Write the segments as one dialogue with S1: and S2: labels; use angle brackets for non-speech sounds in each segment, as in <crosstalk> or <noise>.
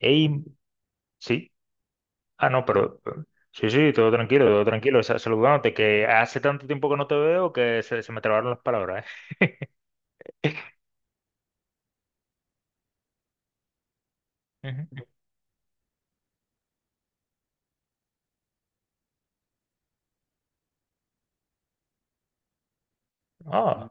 S1: Ey, sí. Ah, no, sí, sí, todo tranquilo, todo tranquilo. Saludándote, que hace tanto tiempo que no te veo que se me trabaron las palabras, ¿eh? Ujú. Ah,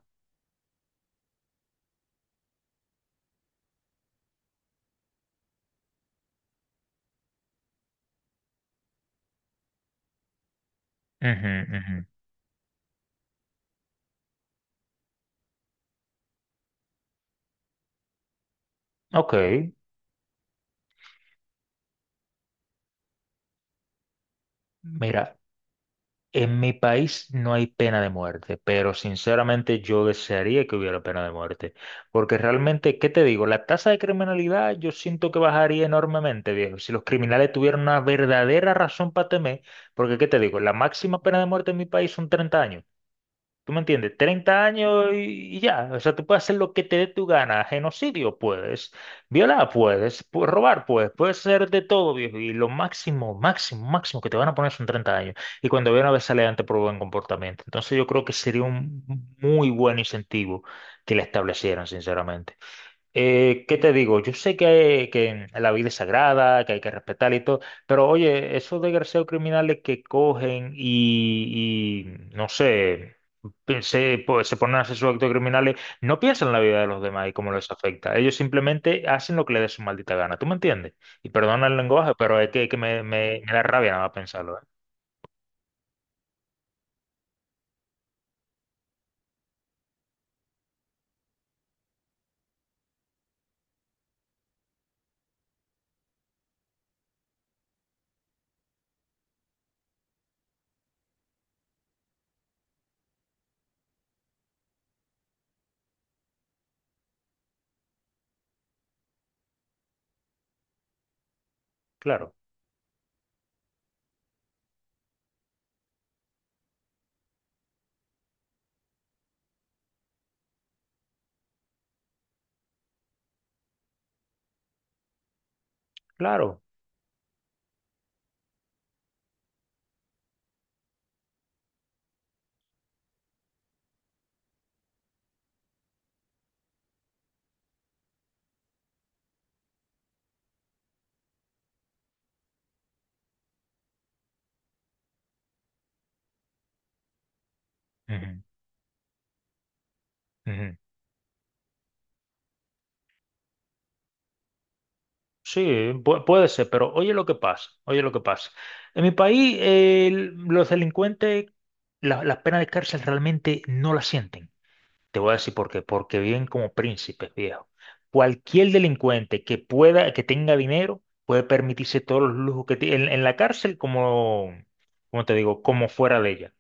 S1: ujú, ujú. Ok. Mira, en mi país no hay pena de muerte, pero sinceramente yo desearía que hubiera pena de muerte. Porque realmente, ¿qué te digo? La tasa de criminalidad yo siento que bajaría enormemente, viejo. Si los criminales tuvieran una verdadera razón para temer, porque ¿qué te digo? La máxima pena de muerte en mi país son 30 años. ¿Tú me entiendes? 30 años y ya. O sea, tú puedes hacer lo que te dé tu gana. Genocidio puedes, violar puedes, robar puedes, puedes hacer de todo, viejo. Y lo máximo, máximo, máximo que te van a poner son 30 años. Y cuando ve a ver sale ante por buen comportamiento. Entonces yo creo que sería un muy buen incentivo que le establecieran, sinceramente. ¿Qué te digo? Yo sé que la vida es sagrada, que hay que respetar y todo, pero oye, esos desgraciados criminales que cogen no sé, pues, se ponen a hacer sus actos criminales, no piensan en la vida de los demás y cómo les afecta. Ellos simplemente hacen lo que les dé su maldita gana, ¿tú me entiendes? Y perdona el lenguaje, pero es que me da rabia nada más pensarlo, ¿eh? Claro, claro. Ujú, ujú. Sí, puede ser, pero oye lo que pasa, oye lo que pasa. En mi país, los delincuentes, las penas de cárcel realmente no las sienten. Te voy a decir por qué, porque viven como príncipes, viejo. Cualquier delincuente que pueda, que tenga dinero, puede permitirse todos los lujos que tiene en la cárcel como, como te digo, como fuera de ella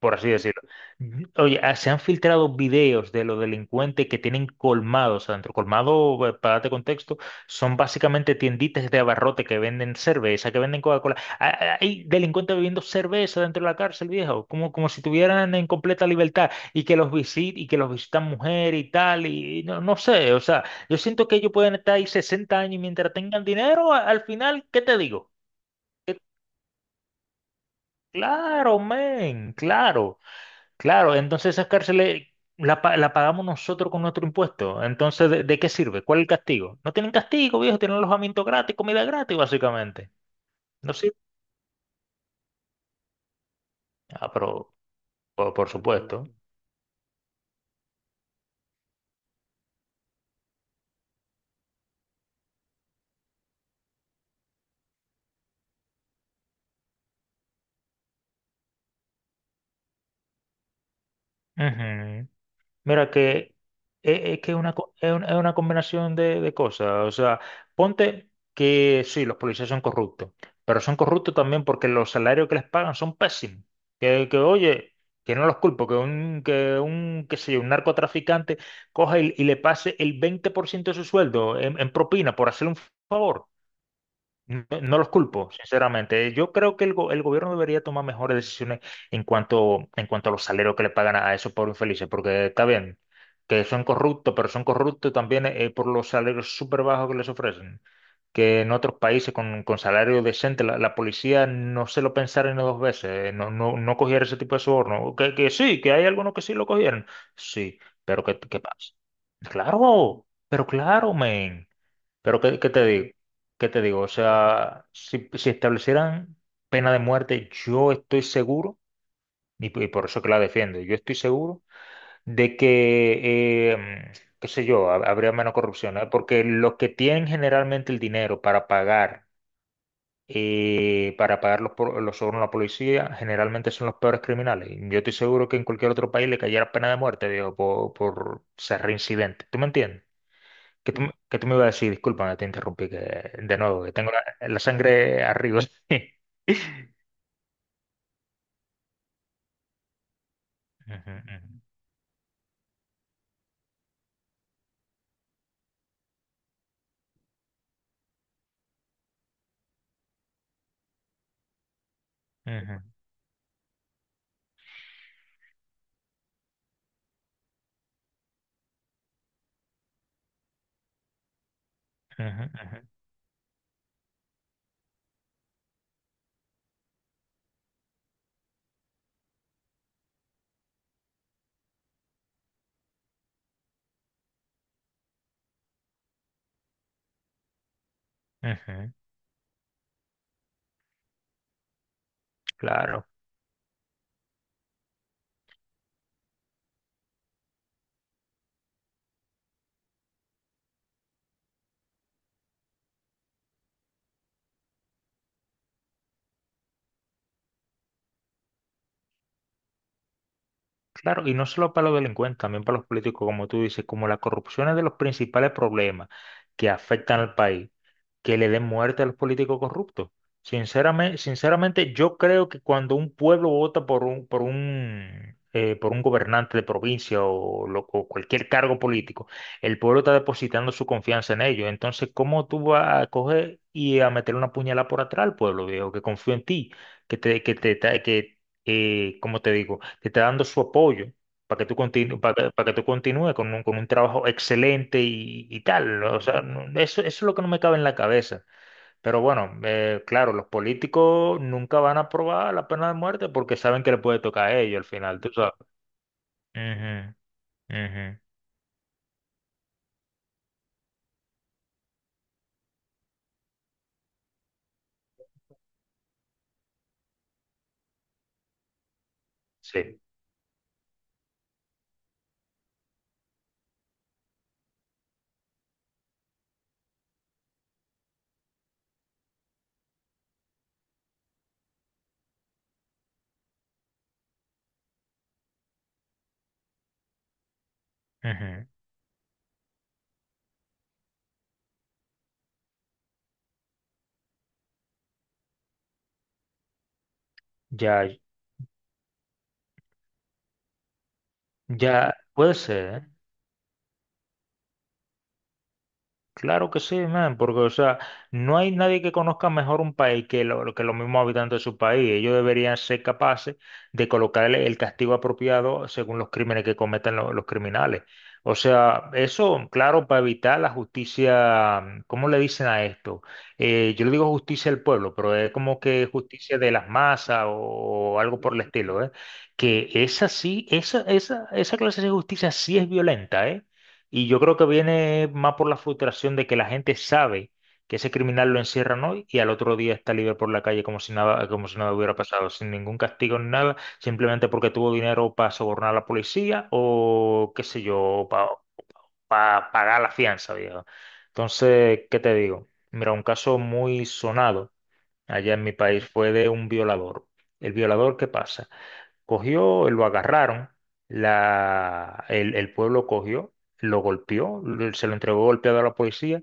S1: por así decirlo. Oye, se han filtrado videos de los delincuentes que tienen colmados adentro. Colmado, para darte contexto, son básicamente tienditas de abarrote que venden cerveza, que venden Coca-Cola. Ah, ah, ah. Hay delincuentes bebiendo cerveza dentro de la cárcel, viejo, como, como si estuvieran en completa libertad y y que los visitan mujeres y tal, y no sé, o sea, yo siento que ellos pueden estar ahí 60 años y mientras tengan dinero, al final, ¿qué te digo? Que- Claro, men, claro. Claro, entonces esas cárceles la pagamos nosotros con nuestro impuesto. Entonces, ¿de qué sirve? ¿Cuál es el castigo? No tienen castigo, viejo, tienen alojamiento gratis, comida gratis, básicamente. ¿No sirve? Ah, pero por supuesto. Ujú. Mira que es que es una, es una combinación de cosas. O sea, ponte que sí, los policías son corruptos, pero son corruptos también porque los salarios que les pagan son pésimos. Oye, que no los culpo, qué sé yo, un narcotraficante coja y le pase el 20% de su sueldo en propina por hacerle un favor. No, no los culpo, sinceramente. Yo creo que el gobierno debería tomar mejores decisiones en cuanto a los salarios que le pagan a esos pobres infelices, porque está bien que son corruptos, pero son corruptos también por los salarios súper bajos que les ofrecen. Que en otros países con salario decente la policía no se lo pensaron ni dos veces, no cogiera ese tipo de soborno. Que sí, que hay algunos que sí lo cogieron. Sí, pero ¿qué pasa? Claro, pero claro, men. Pero ¿qué te digo? ¿Qué te digo? O sea, si establecieran pena de muerte, yo estoy seguro, y por eso que la defiendo, yo estoy seguro de que, qué sé yo, habría menos corrupción, ¿eh? Porque los que tienen generalmente el dinero para pagar, los sobornos a la policía, generalmente son los peores criminales. Yo estoy seguro que en cualquier otro país le cayera pena de muerte, digo, por ser reincidente. ¿Tú me entiendes? que tú, que tú me ibas a decir? Discúlpame, te interrumpí que, de nuevo, que tengo la sangre arriba. <laughs> Ujú, ujú, ujú, ujú, ujú, ujú. Claro. Claro, y no solo para los delincuentes, también para los políticos, como tú dices, como la corrupción es de los principales problemas que afectan al país, que le den muerte a los políticos corruptos. Sinceramente, sinceramente, yo creo que cuando un pueblo vota por un gobernante de provincia o, o cualquier cargo político, el pueblo está depositando su confianza en ellos. Entonces, ¿cómo tú vas a coger y a meter una puñalada por atrás al pueblo, viejo, que confío en ti, que te, que te, que como te digo, te está dando su apoyo para que tú continúes, para que tú continúes con un trabajo excelente y tal. ¿No? O sea, eso es lo que no me cabe en la cabeza. Pero bueno, claro, los políticos nunca van a aprobar la pena de muerte porque saben que le puede tocar a ellos al final, tú sabes. Ujú, ujú, sí, ujú. Ya, ya puede ser, ¿eh? Claro que sí, man, porque, o sea, no hay nadie que conozca mejor un país que los mismos habitantes de su país. Ellos deberían ser capaces de colocarle el castigo apropiado según los crímenes que cometan los criminales. O sea, eso, claro, para evitar la justicia, ¿cómo le dicen a esto? Yo le digo justicia del pueblo, pero es como que justicia de las masas o algo por el estilo, ¿eh? Que esa sí, esa clase de justicia sí es violenta, ¿eh? Y yo creo que viene más por la frustración de que la gente sabe que ese criminal lo encierran hoy y al otro día está libre por la calle como si nada hubiera pasado, sin ningún castigo ni nada, simplemente porque tuvo dinero para sobornar a la policía o qué sé yo, para pagar la fianza, viejo. Entonces, ¿qué te digo? Mira, un caso muy sonado allá en mi país fue de un violador. El violador, ¿qué pasa? Cogió, lo agarraron, el pueblo cogió, lo golpeó, se lo entregó golpeado a la policía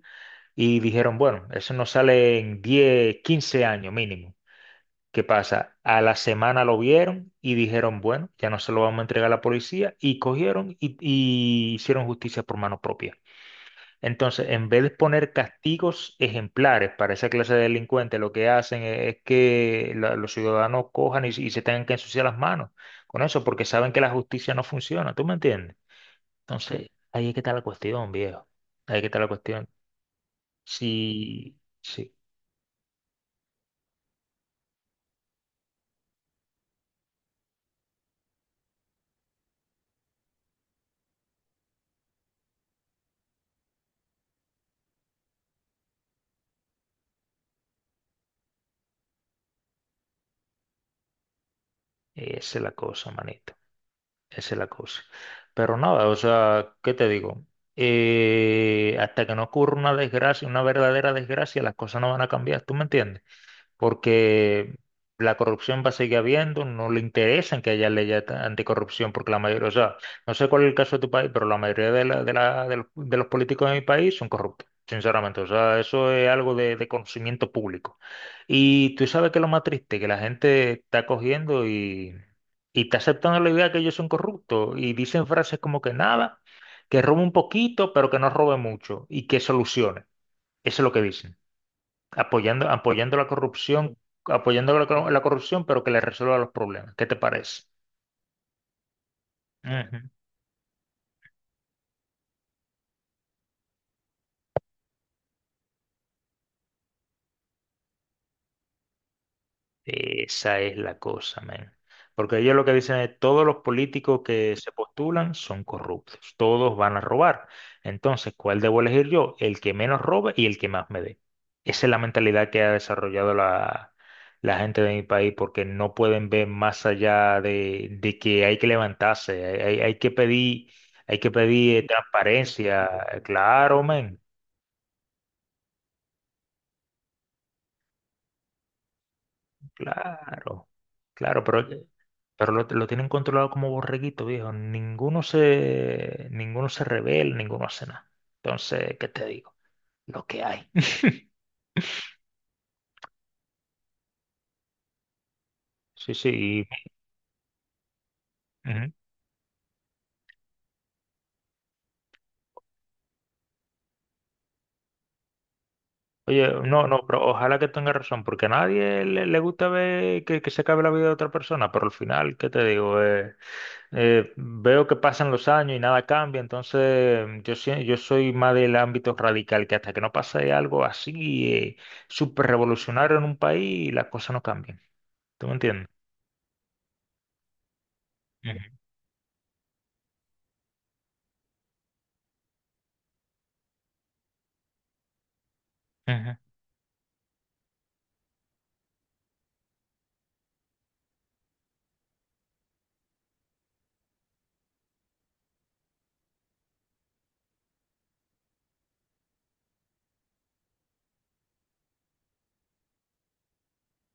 S1: y dijeron, bueno, eso no sale en 10-15 años mínimo. ¿Qué pasa? A la semana lo vieron y dijeron, bueno, ya no se lo vamos a entregar a la policía y cogieron y hicieron justicia por mano propia. Entonces, en vez de poner castigos ejemplares para esa clase de delincuentes, lo que hacen es que los ciudadanos cojan y se tengan que ensuciar las manos con eso, porque saben que la justicia no funciona, ¿tú me entiendes? Entonces, ahí es que está la cuestión, viejo. Ahí es que está la cuestión. Sí, sí, esa es la cosa, manito. Esa es la cosa. Pero nada, o sea, ¿qué te digo? Hasta que no ocurra una desgracia, una verdadera desgracia, las cosas no van a cambiar, ¿tú me entiendes? Porque la corrupción va a seguir habiendo, no le interesan que haya leyes anticorrupción, porque la mayoría, o sea, no sé cuál es el caso de tu país, pero la mayoría de los políticos de mi país son corruptos. Sinceramente, o sea, eso es algo de conocimiento público. Y tú sabes que lo más triste, que la gente está cogiendo y está aceptando la idea que ellos son corruptos y dicen frases como que nada, que robe un poquito, pero que no robe mucho y que solucione. Eso es lo que dicen apoyando, apoyando la corrupción, apoyando la corrupción, pero que le resuelva los problemas. ¿Qué te parece? Ujú. Esa es la cosa, men. Porque ellos lo que dicen es, todos los políticos que se postulan son corruptos, todos van a robar. Entonces, ¿cuál debo elegir yo? El que menos robe y el que más me dé. Esa es la mentalidad que ha desarrollado la gente de mi país, porque no pueden ver más allá de que hay que levantarse, hay que pedir, hay que pedir transparencia. Claro, men. Claro, claro, pero lo tienen controlado como borreguito, viejo. Ninguno se revela, ninguno hace nada. Entonces, ¿qué te digo? Lo que hay. <laughs> Sí, sí. Ujú. Oye, no, no, pero ojalá que tenga razón, porque a nadie le gusta ver que se acabe la vida de otra persona, pero al final, ¿qué te digo? Veo que pasan los años y nada cambia, entonces yo soy más del ámbito radical, que hasta que no pase algo así, súper revolucionario en un país, las cosas no cambian. ¿Tú me entiendes? Ujú, ujú,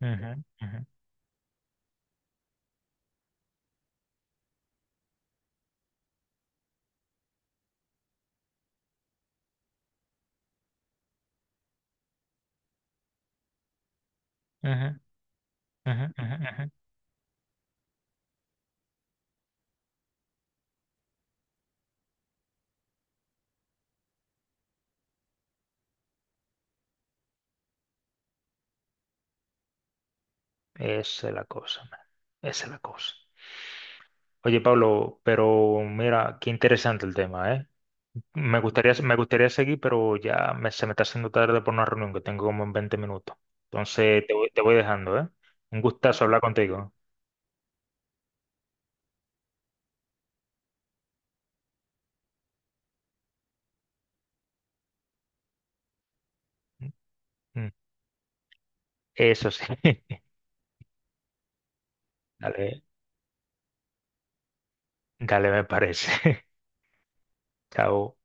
S1: ujú, ujú, ujú, ujú, ujú, ujú. Esa es la cosa, man. Esa es la cosa. Oye, Pablo, pero mira, qué interesante el tema, ¿eh? Me gustaría seguir, pero ya se me está haciendo tarde por una reunión que tengo como en 20 minutos. Entonces te voy dejando, ¿eh? Un gustazo hablar contigo. Mm, mm. Eso sí. <laughs> Dale, dale, me parece. <laughs> Chao.